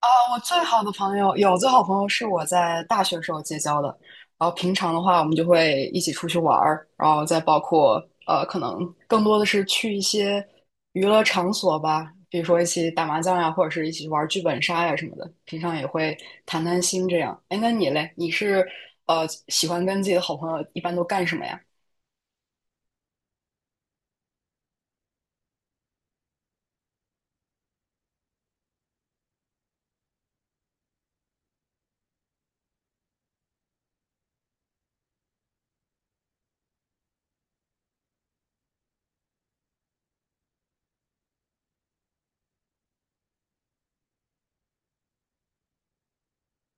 啊，我最好的朋友有最好朋友是我在大学时候结交的，然后平常的话，我们就会一起出去玩儿，然后再包括可能更多的是去一些娱乐场所吧，比如说一起打麻将呀，或者是一起玩剧本杀呀什么的。平常也会谈谈心这样。哎，那你嘞？你是喜欢跟自己的好朋友一般都干什么呀？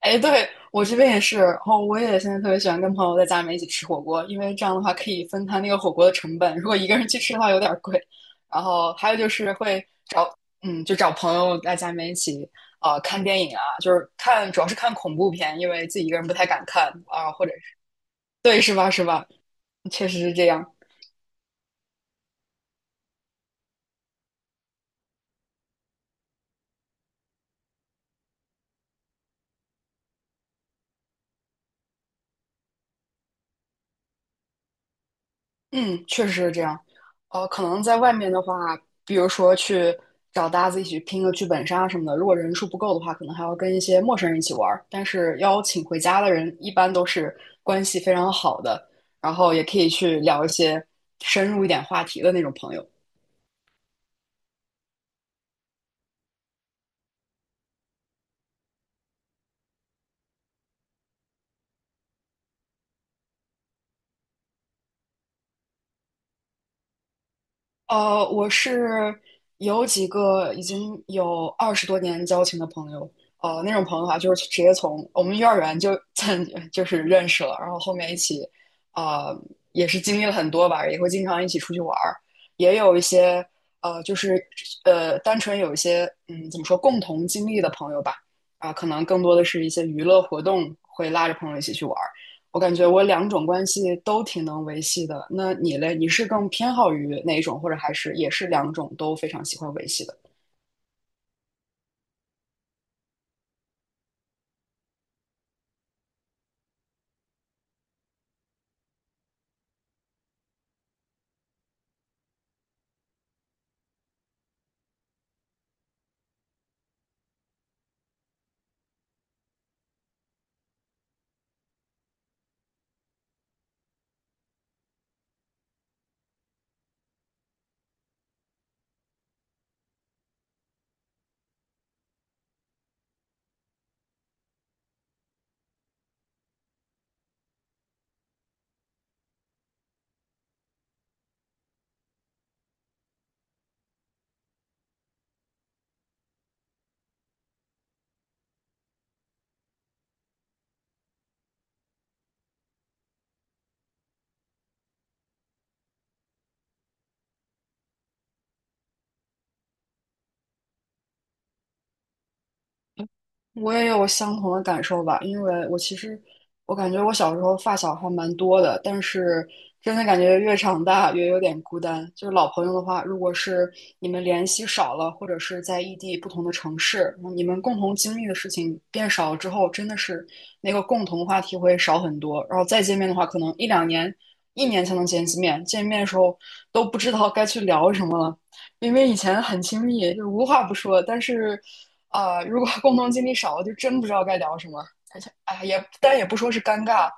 哎，对，我这边也是，然后我也现在特别喜欢跟朋友在家里面一起吃火锅，因为这样的话可以分摊那个火锅的成本。如果一个人去吃的话有点儿贵，然后还有就是会找，嗯，就找朋友在家里面一起，看电影啊，就是看，主要是看恐怖片，因为自己一个人不太敢看啊，或者是，对，是吧，是吧？确实是这样。嗯，确实是这样。可能在外面的话，比如说去找搭子一起拼个剧本杀什么的，如果人数不够的话，可能还要跟一些陌生人一起玩儿。但是邀请回家的人一般都是关系非常好的，然后也可以去聊一些深入一点话题的那种朋友。我是有几个已经有20多年交情的朋友，那种朋友的话，就是直接从我们幼儿园就 就是认识了，然后后面一起，呃，也是经历了很多吧，也会经常一起出去玩儿，也有一些呃，就是单纯有一些嗯，怎么说，共同经历的朋友吧，啊、可能更多的是一些娱乐活动会拉着朋友一起去玩。我感觉我两种关系都挺能维系的。那你嘞？你是更偏好于哪一种，或者还是也是两种都非常喜欢维系的？我也有相同的感受吧，因为我其实我感觉我小时候发小还蛮多的，但是真的感觉越长大越有点孤单。就是老朋友的话，如果是你们联系少了，或者是在异地不同的城市，你们共同经历的事情变少了之后，真的是那个共同话题会少很多。然后再见面的话，可能一两年、一年才能见一次面，见面的时候都不知道该去聊什么了。因为以前很亲密，就无话不说，但是啊、如果共同经历少了，就真不知道该聊什么。而且，哎，也但也不说是尴尬，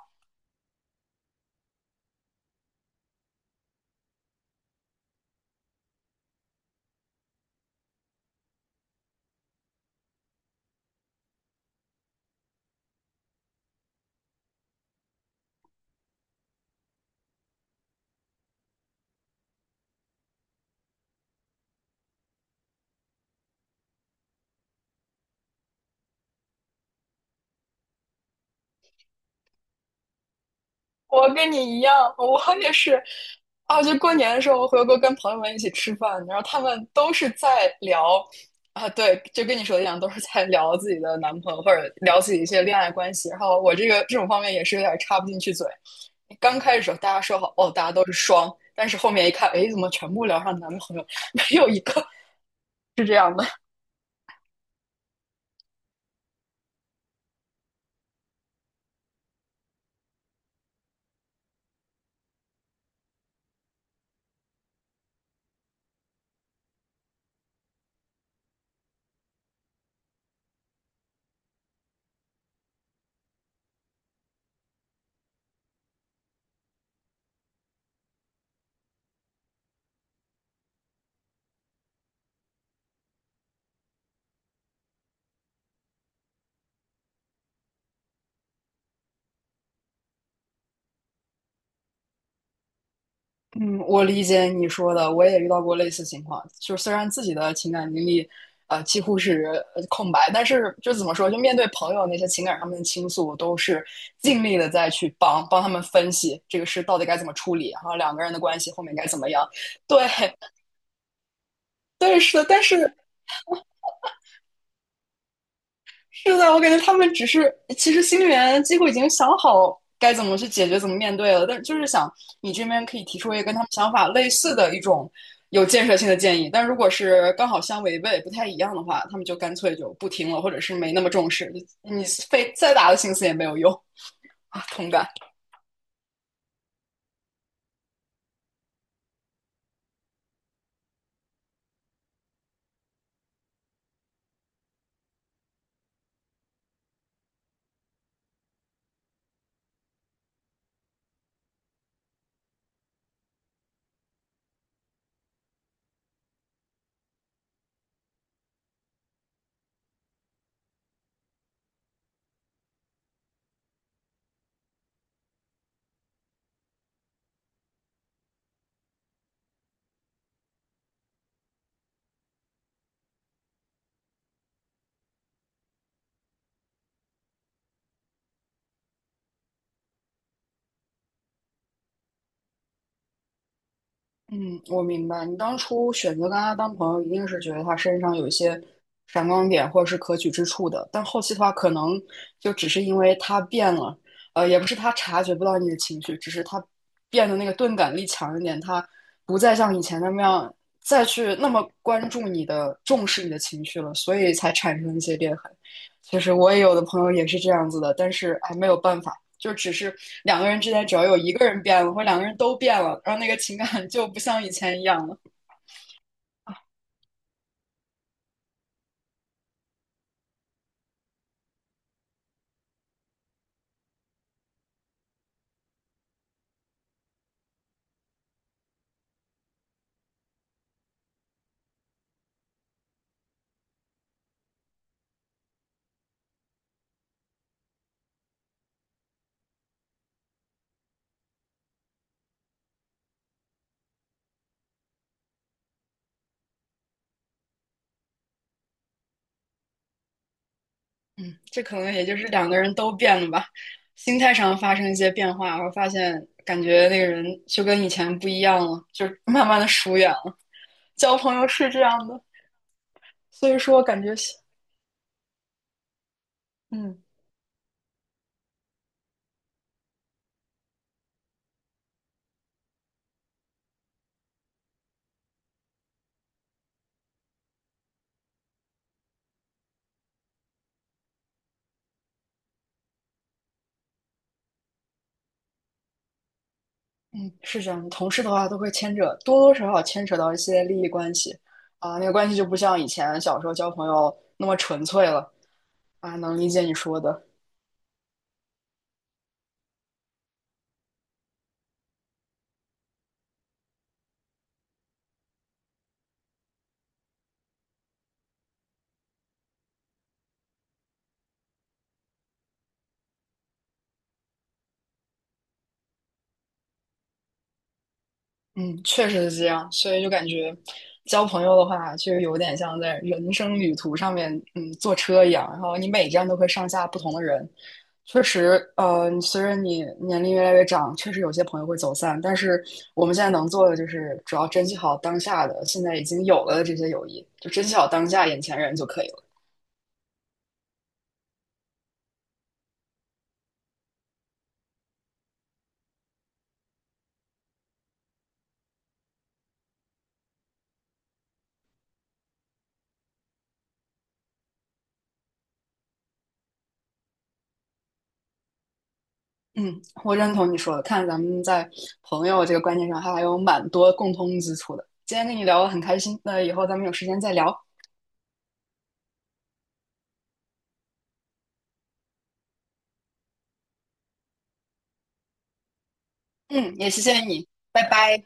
我跟你一样，我也是。啊，就过年的时候，我回国跟朋友们一起吃饭，然后他们都是在聊啊，对，就跟你说的一样，都是在聊自己的男朋友或者聊自己一些恋爱关系。然后我这个这种方面也是有点插不进去嘴。刚开始的时候大家说好哦，大家都是双，但是后面一看，哎，怎么全部聊上男朋友，没有一个是这样的。嗯，我理解你说的，我也遇到过类似情况。就是虽然自己的情感经历，几乎是空白，但是就怎么说，就面对朋友那些情感上面的倾诉，我都是尽力的再去帮他们分析这个事到底该怎么处理，然后两个人的关系后面该怎么样。对，对，是的，但是是的，我感觉他们只是，其实心里面几乎已经想好该怎么去解决、怎么面对了，但就是想你这边可以提出一个跟他们想法类似的一种有建设性的建议，但如果是刚好相违背、不太一样的话，他们就干脆就不听了，或者是没那么重视，你费再大的心思也没有用啊，同感。嗯，我明白。你当初选择跟他当朋友，一定是觉得他身上有一些闪光点或者是可取之处的。但后期的话，可能就只是因为他变了，也不是他察觉不到你的情绪，只是他变得那个钝感力强一点，他不再像以前那么样再去那么关注你的、重视你的情绪了，所以才产生一些裂痕。其实我也有的朋友也是这样子的，但是哎，没有办法。就只是两个人之间，只要有一个人变了，或者两个人都变了，然后那个情感就不像以前一样了。嗯，这可能也就是两个人都变了吧，心态上发生一些变化，然后发现感觉那个人就跟以前不一样了，就慢慢的疏远了。交朋友是这样的，所以说感觉，嗯嗯，是这样的。同事的话都会牵扯，多多少少牵扯到一些利益关系啊，那个关系就不像以前小时候交朋友那么纯粹了啊，能理解你说的。嗯，确实是这样，所以就感觉交朋友的话，实有点像在人生旅途上面，嗯，坐车一样，然后你每站都会上下不同的人。确实，随着你年龄越来越长，确实有些朋友会走散，但是我们现在能做的就是主要珍惜好当下的，现在已经有了的这些友谊，就珍惜好当下眼前人就可以了。嗯，我认同你说的，看咱们在朋友这个观念上还有蛮多共通之处的。今天跟你聊得很开心，那以后咱们有时间再聊。嗯，也谢谢你，拜拜。